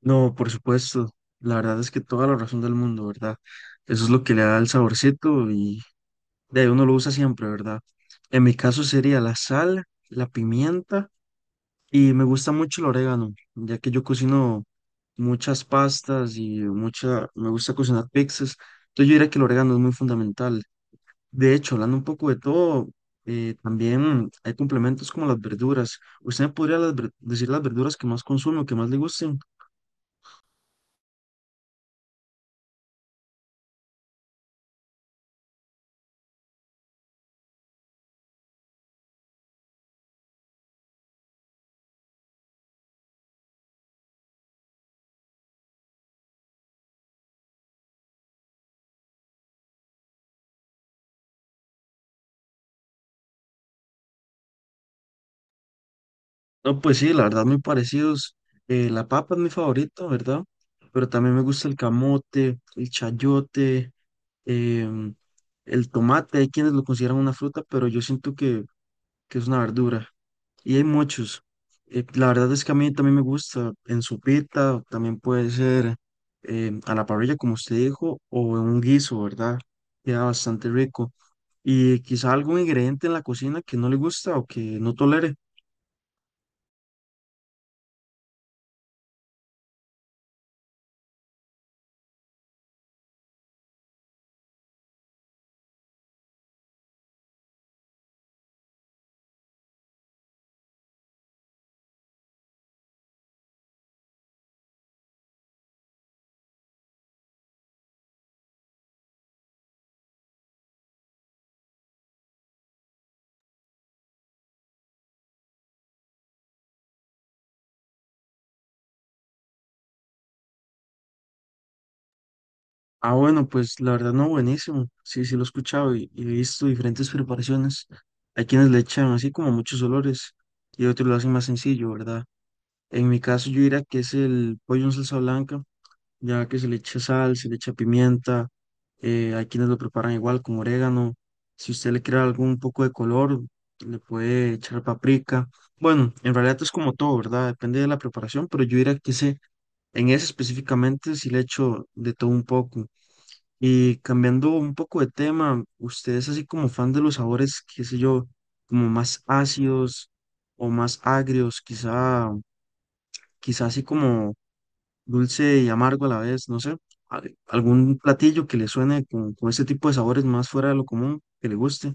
No, por supuesto. La verdad es que toda la razón del mundo, ¿verdad? Eso es lo que le da el saborcito y de ahí uno lo usa siempre, ¿verdad? En mi caso sería la sal, la pimienta y me gusta mucho el orégano, ya que yo cocino muchas pastas y mucha, me gusta cocinar pizzas. Entonces yo diría que el orégano es muy fundamental. De hecho, hablando un poco de todo, también hay complementos como las verduras. ¿Usted me podría decir las verduras que más consume o que más le gusten? No, pues sí, la verdad, muy parecidos. La papa es mi favorita, ¿verdad? Pero también me gusta el camote, el chayote, em, el tomate. Hay quienes lo consideran una fruta, pero yo siento que es una verdura. Y hay muchos. La verdad es que a mí también me gusta en sopita, también puede ser a la parrilla, como usted dijo, o en un guiso, ¿verdad? Queda bastante rico. Y quizá algún ingrediente en la cocina que no le gusta o que no tolere. Ah, bueno, pues la verdad no, buenísimo. Sí, sí lo he escuchado y he visto diferentes preparaciones. Hay quienes le echan así como muchos olores y otros lo hacen más sencillo, ¿verdad? En mi caso yo diría que es el pollo en salsa blanca, ya que se le echa sal, se le echa pimienta. Hay quienes lo preparan igual con orégano. Si usted le quiere algún poco de color, le puede echar paprika. Bueno, en realidad es como todo, ¿verdad? Depende de la preparación, pero yo diría que ese, en ese específicamente sí le echo de todo un poco. Y cambiando un poco de tema, ¿usted es así como fan de los sabores, qué sé yo, como más ácidos o más agrios, quizá, quizá así como dulce y amargo a la vez, no sé, algún platillo que le suene con este tipo de sabores más fuera de lo común, que le guste?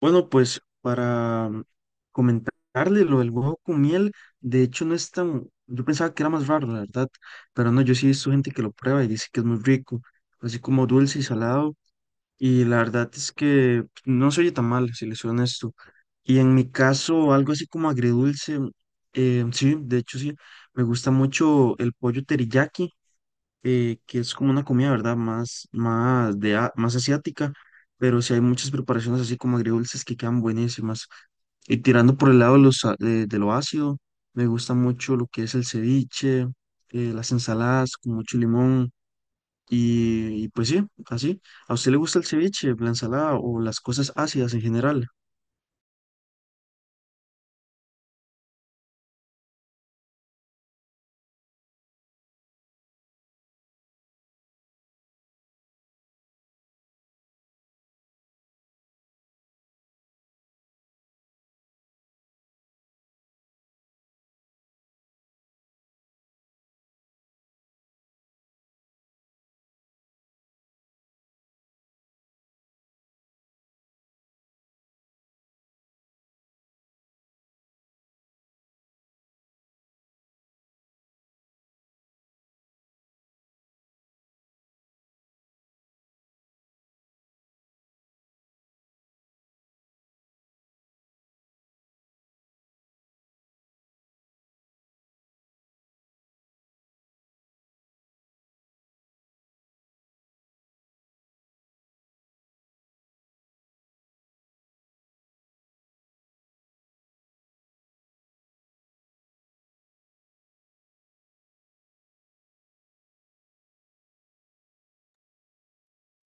Bueno, pues para comentarle lo del huevo con miel, de hecho no es tan, yo pensaba que era más raro, la verdad, pero no, yo sí he visto gente que lo prueba y dice que es muy rico, así como dulce y salado. Y la verdad es que pues, no se oye tan mal, si les soy honesto. Y en mi caso, algo así como agridulce, sí, de hecho sí, me gusta mucho el pollo teriyaki, que es como una comida, ¿verdad? Más asiática, pero sí hay muchas preparaciones así como agridulces que quedan buenísimas. Y tirando por el lado de, los, a- de lo ácido, me gusta mucho lo que es el ceviche, las ensaladas con mucho limón. Y pues sí, así. ¿A usted le gusta el ceviche, la ensalada o las cosas ácidas en general?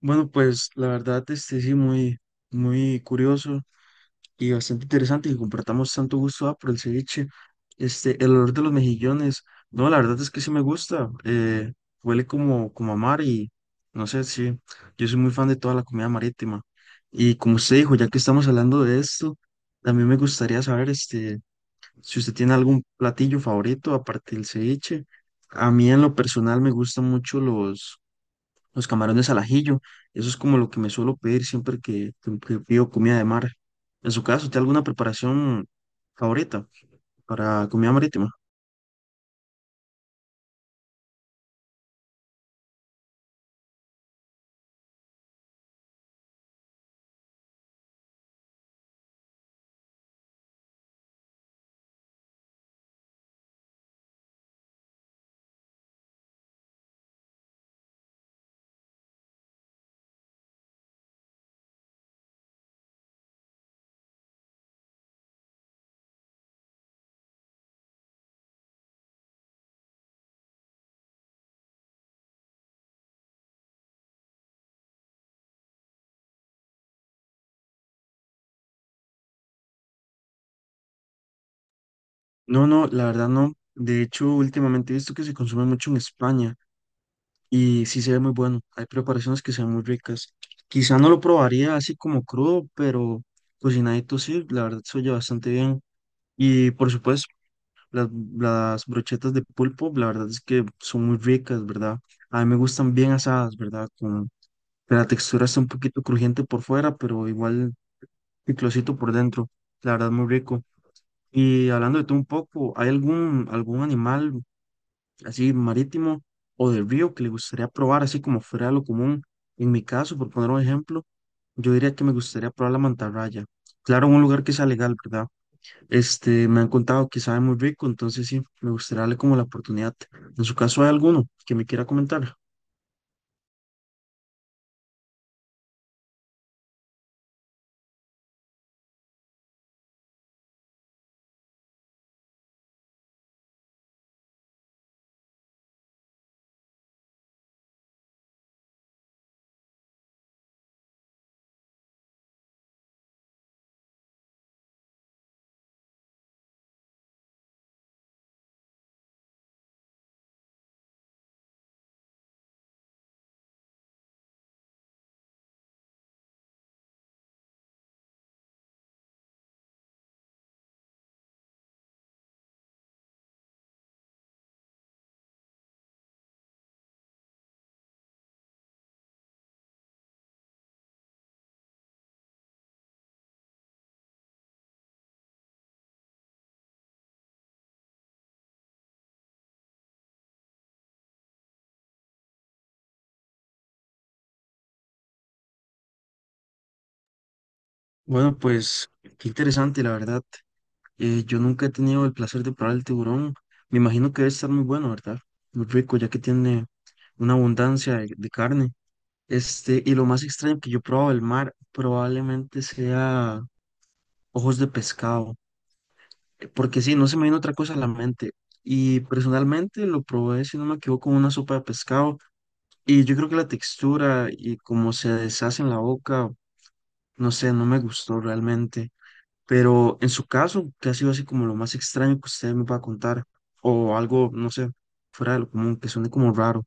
Bueno, pues la verdad, este sí, muy curioso y bastante interesante que compartamos tanto gusto ah, por el ceviche. Este, el olor de los mejillones, no, la verdad es que sí me gusta. Huele como, como a mar y no sé, sí. Yo soy muy fan de toda la comida marítima. Y como usted dijo, ya que estamos hablando de esto, también me gustaría saber, este. Si usted tiene algún platillo favorito aparte del ceviche, a mí en lo personal me gustan mucho los camarones al ajillo. Eso es como lo que me suelo pedir siempre que pido comida de mar. En su caso, ¿tiene alguna preparación favorita para comida marítima? No, no, la verdad no. De hecho, últimamente he visto que se consume mucho en España y sí se ve muy bueno. Hay preparaciones que se ven muy ricas. Quizá no lo probaría así como crudo, pero cocinadito sí, la verdad se oye bastante bien. Y por supuesto, Las, las brochetas de pulpo, la verdad es que son muy ricas, ¿verdad? A mí me gustan bien asadas, ¿verdad? Con que la textura está un poquito crujiente por fuera, pero igual picosito por dentro. La verdad, muy rico. Y hablando de todo un poco, ¿hay algún animal así marítimo o de río que le gustaría probar, así como fuera de lo común? En mi caso, por poner un ejemplo, yo diría que me gustaría probar la mantarraya. Claro, en un lugar que sea legal, ¿verdad? Este, me han contado que sabe muy rico, entonces sí, me gustaría darle como la oportunidad. En su caso, ¿hay alguno que me quiera comentar? Bueno, pues qué interesante, la verdad. Yo nunca he tenido el placer de probar el tiburón. Me imagino que debe estar muy bueno, ¿verdad? Muy rico, ya que tiene una abundancia de carne. Este, y lo más extraño que yo he probado del mar probablemente sea ojos de pescado, porque sí, no se me vino otra cosa a la mente. Y personalmente lo probé, si no me equivoco, con una sopa de pescado. Y yo creo que la textura y cómo se deshace en la boca, no sé, no me gustó realmente. Pero en su caso, que ha sido así como lo más extraño que usted me va a contar, o algo, no sé, fuera de lo común, que suene como raro.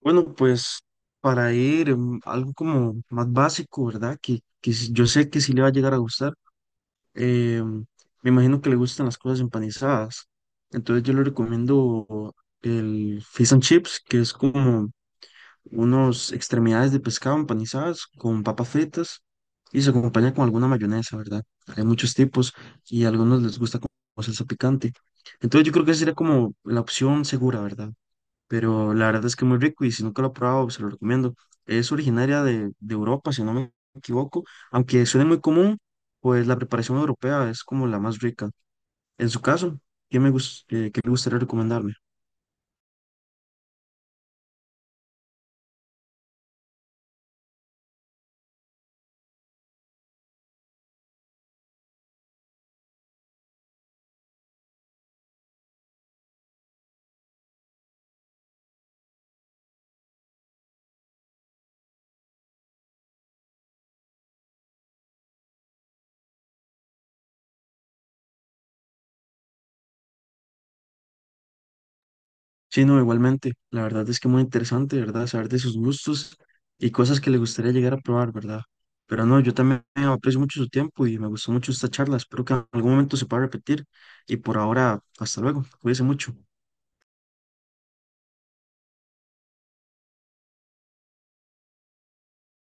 Bueno, pues para ir algo como más básico, ¿verdad? Yo sé que sí le va a llegar a gustar. eh, Me imagino que le gustan las cosas empanizadas. Entonces yo le recomiendo el Fish and Chips, que es como unos extremidades de pescado empanizadas con papas fritas y se acompaña con alguna mayonesa, ¿verdad? Hay muchos tipos y a algunos les gusta con salsa picante. Entonces yo creo que esa sería como la opción segura, ¿verdad? Pero la verdad es que es muy rico y si nunca lo he probado, se lo recomiendo. Es originaria de Europa, si no me equivoco, aunque suene muy común, pues la preparación europea es como la más rica. En su caso, ¿ qué le gustaría recomendarme? Sí, no, igualmente. La verdad es que muy interesante, ¿verdad? Saber de sus gustos y cosas que le gustaría llegar a probar, ¿verdad? Pero no, yo también aprecio mucho su tiempo y me gustó mucho esta charla. Espero que en algún momento se pueda repetir. Y por ahora, hasta luego. Cuídese mucho.